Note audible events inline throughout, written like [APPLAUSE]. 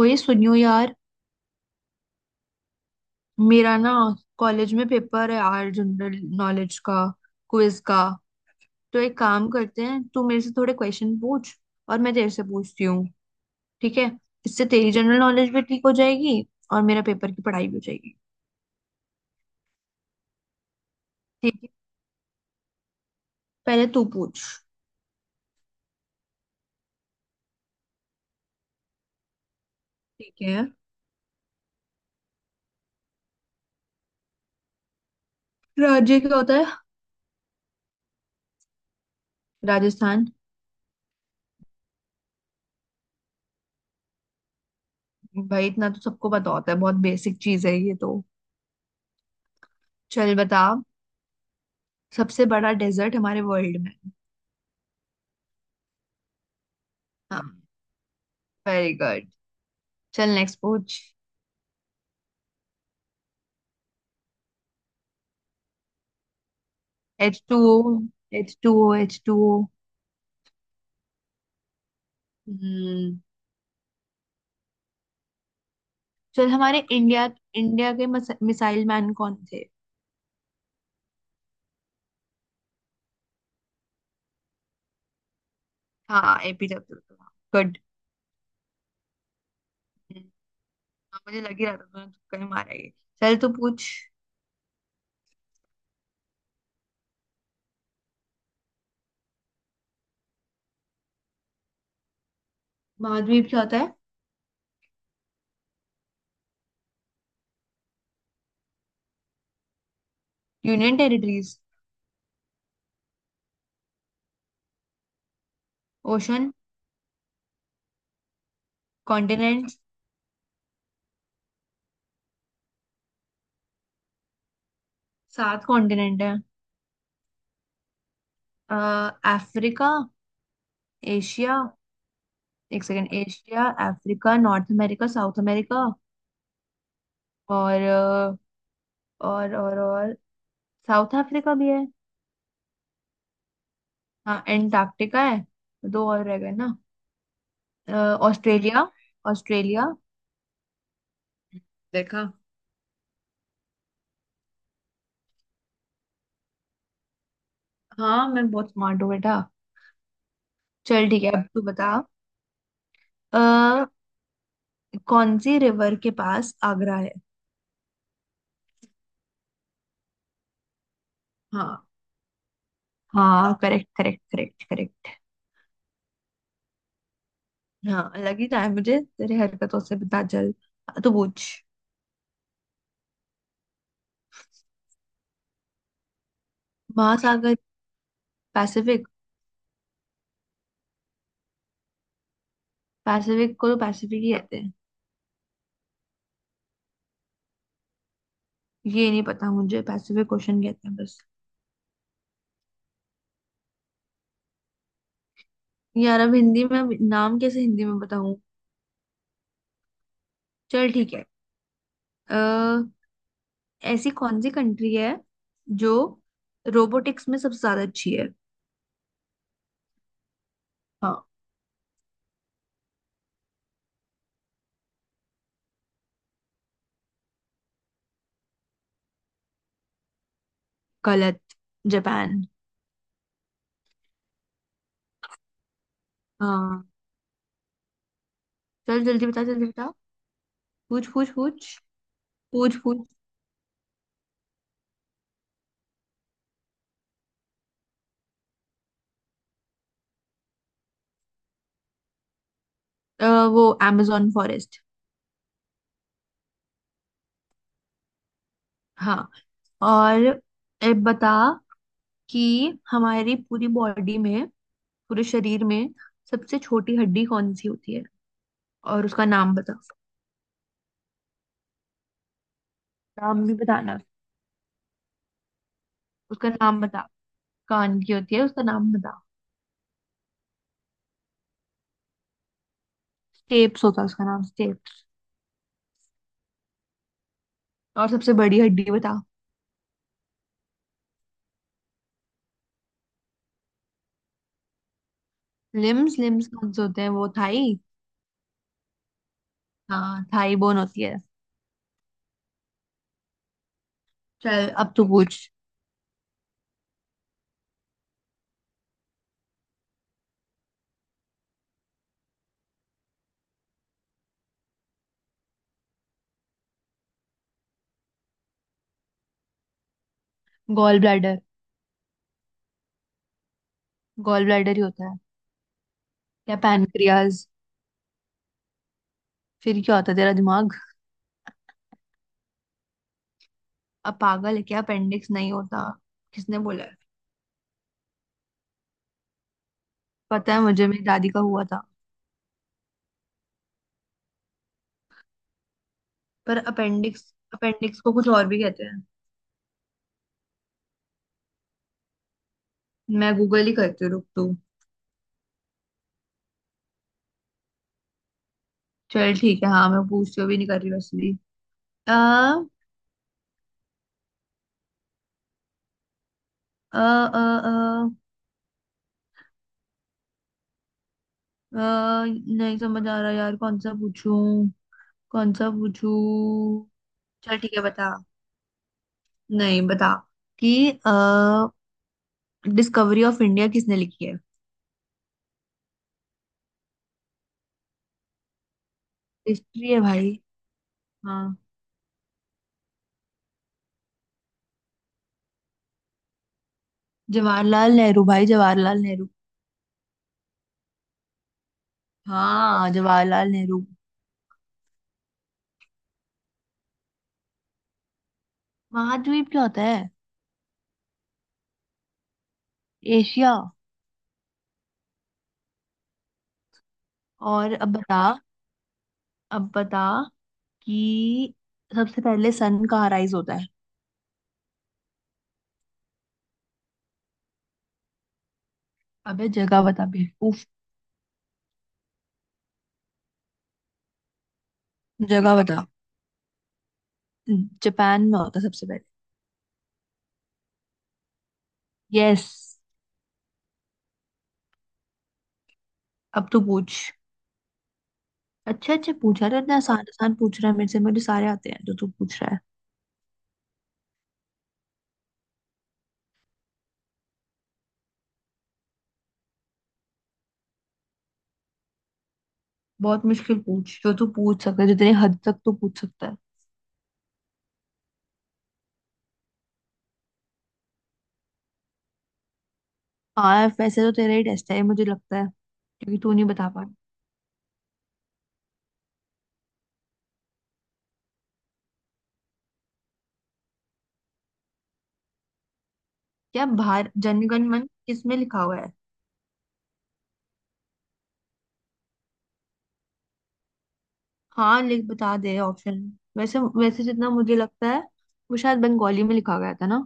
ओए सुनियो यार। मेरा ना कॉलेज में पेपर है यार, जनरल नॉलेज का, क्विज का। तो एक काम करते हैं, तू मेरे से थोड़े क्वेश्चन पूछ और मैं तेरे से पूछती हूँ। ठीक है। इससे तेरी जनरल नॉलेज भी ठीक हो जाएगी और मेरा पेपर की पढ़ाई भी हो जाएगी। ठीक है, पहले तू पूछ। ठीक है। राज्य क्या होता है? राजस्थान। भाई इतना तो सबको पता होता है, बहुत बेसिक चीज है ये तो। चल बता। सबसे बड़ा डेजर्ट हमारे वर्ल्ड में। हाँ, वेरी गुड। चल नेक्स्ट पूछ। H two O, H two O, H two O. हम्म। चल हमारे इंडिया इंडिया के मिसाइल मैन कौन थे? हाँ, एपीजे अब्दुल कलाम। गुड। मुझे लग ही रहा था तूने तुक्का ही मारा ये। चल तू पूछ। महाद्वीप क्या होता है? Union territories. ओशन। कॉन्टिनेंट। सात कॉन्टिनेंट है। अफ्रीका। एशिया। एक second. Asia, Africa, North America, South America और और और और साउथ अफ्रीका भी है। हाँ एंटार्क्टिका है। दो और रह गए ना। अ, ऑस्ट्रेलिया, ऑस्ट्रेलिया। देखा। हाँ, मैं बहुत स्मार्ट हो बेटा। चल ठीक है, अब तू बता। अ, कौन सी रिवर के पास आगरा है? हाँ। हाँ, करेक्ट करेक्ट करेक्ट करेक्ट। हाँ लग ही रहा है मुझे तेरी हरकतों से, पता चल। तो पूछ। महासागर। पैसिफिक। पैसिफिक को तो पैसिफिक ही कहते हैं। ये नहीं पता मुझे, पैसिफिक क्वेश्चन कहते हैं बस। यार अब हिंदी में अब नाम कैसे हिंदी में बताऊं। चल ठीक है। ऐसी कौन सी कंट्री है जो रोबोटिक्स में सबसे ज्यादा अच्छी है? हाँ। गलत। जापान। हाँ। चल जल्दी बता, जल्दी बता। पूछ पूछ पूछ। पूछ पूछ। अ, वो amazon फॉरेस्ट। हाँ। और ए, बता कि हमारी पूरी बॉडी में, पूरे शरीर में सबसे छोटी हड्डी कौन सी होती है और उसका नाम बता। नाम भी बताना। उसका नाम बता। कान की होती है, उसका नाम बता। स्टेप्स होता है उसका नाम, स्टेप्स। और सबसे बड़ी हड्डी बता। लिम्स, लिम्स कौन से होते हैं? वो थाई। हाँ थाई बोन होती है। चल अब तू पूछ। Gall bladder. गॉल ब्लैडर ही होता है। क्या, पैनक्रियाज? फिर क्या होता है तेरा दिमाग। अब पागल है क्या, अपेंडिक्स नहीं होता। किसने बोला है? पता है मुझे, मेरी दादी का हुआ था। पर अपेंडिक्स, अपेंडिक्स को कुछ और भी कहते हैं। मैं गूगल ही करती हूँ, रुक तू। चल ठीक है, हाँ मैं पूछती हूँ, भी नहीं कर रही वैसे भी। आ, आ, आ, आ, आ, नहीं समझ आ रहा यार, कौन सा पूछूं। कौन सा पूछूं। चल ठीक है, बता। नहीं बता, कि डिस्कवरी ऑफ इंडिया किसने लिखी है? हिस्ट्री है भाई। हाँ। जवाहरलाल नेहरू भाई, जवाहरलाल नेहरू। हाँ, जवाहरलाल नेहरू। महाद्वीप क्या होता है? एशिया। और अब बता, अब बता कि सबसे पहले सन कहाँ राइज होता है? अबे जगह बता, बेवकूफ। जगह बता। जापान में होता है सबसे पहले। यस। अब तू पूछ। अच्छे अच्छे पूछा रहे, इतना आसान आसान पूछ रहा है मेरे से, मुझे सारे आते हैं जो तू पूछ रहा है। बहुत मुश्किल पूछ जो तू पूछ सकता है, जितनी हद तक तू पूछ सकता है। हाँ वैसे तो तेरा ही टेस्ट है ये, मुझे लगता है क्योंकि तू नहीं बता पा रहा। क्या भार जनगण मन किसमें लिखा हुआ है? हाँ, लिख बता दे ऑप्शन। वैसे वैसे जितना मुझे लगता है, वो शायद बंगाली में लिखा गया था ना।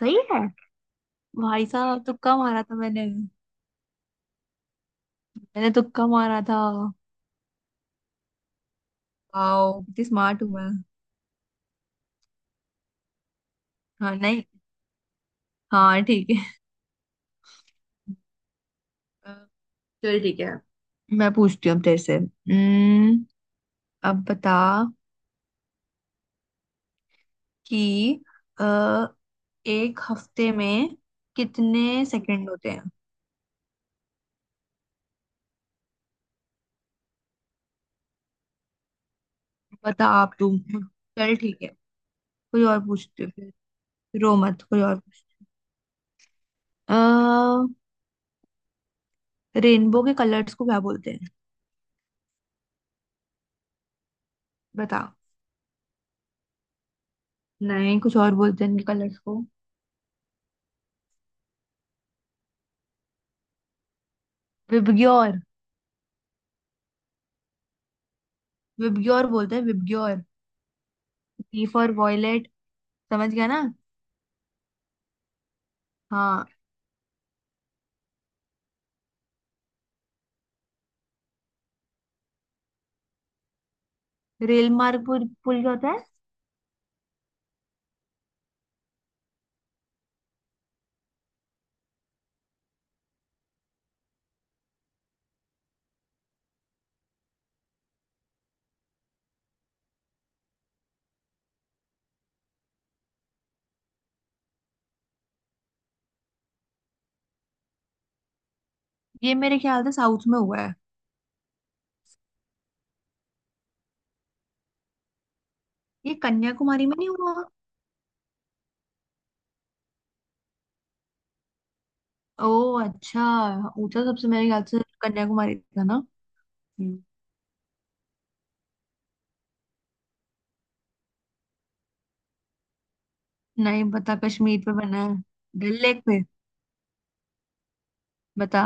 सही है। भाई साहब तुक्का मारा था मैंने। मैंने तुक्का मारा था। वाओ कितनी स्मार्ट हूँ मैं। हाँ नहीं। हाँ ठीक है। अ, चल ठीक है, मैं पूछती हूँ अब तेरे से। अब बता कि अ, एक हफ्ते में कितने सेकंड होते हैं? बता आप तुम। चल ठीक है। कोई और पूछते हो फिर। रो मत, कोई और पूछते हो। रेनबो के कलर्स को क्या बोलते हैं? बता। नहीं, कुछ और बोलते हैं इनके कलर्स को। विबग्योर। विबग्योर बोलते हैं, विबग्योर। V for violet. समझ गया ना। हाँ। रेल मार्ग पुल, पुल क्या होता है? ये मेरे ख्याल से साउथ में हुआ है। ये कन्याकुमारी में नहीं हुआ। ओह अच्छा। ऊंचा सबसे, मेरे ख्याल से कन्याकुमारी था ना। हम्म। नहीं पता, कश्मीर पे बना है। डल लेक पे। बता।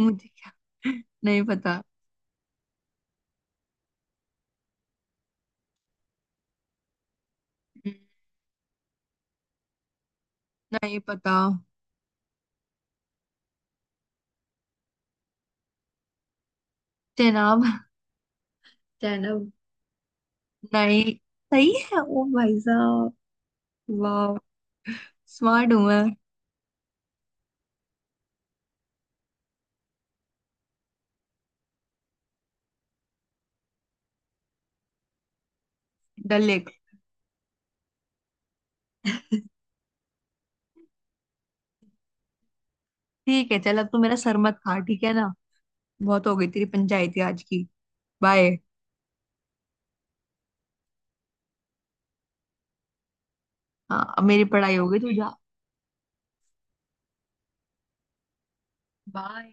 मुझे क्या। [LAUGHS] नहीं पता। हम्म, नहीं पता। चेनाब। चेनाब। नहीं। सही है, ओ भाई साहब। वाह। स्मार्ट हूँ मैं। डल लेक। ठीक है, चल अब तू मेरा सर मत खा, ठीक है ना। बहुत हो गई तेरी पंचायती आज की। बाय। हाँ अब मेरी पढ़ाई हो गई, तू जा। बाय।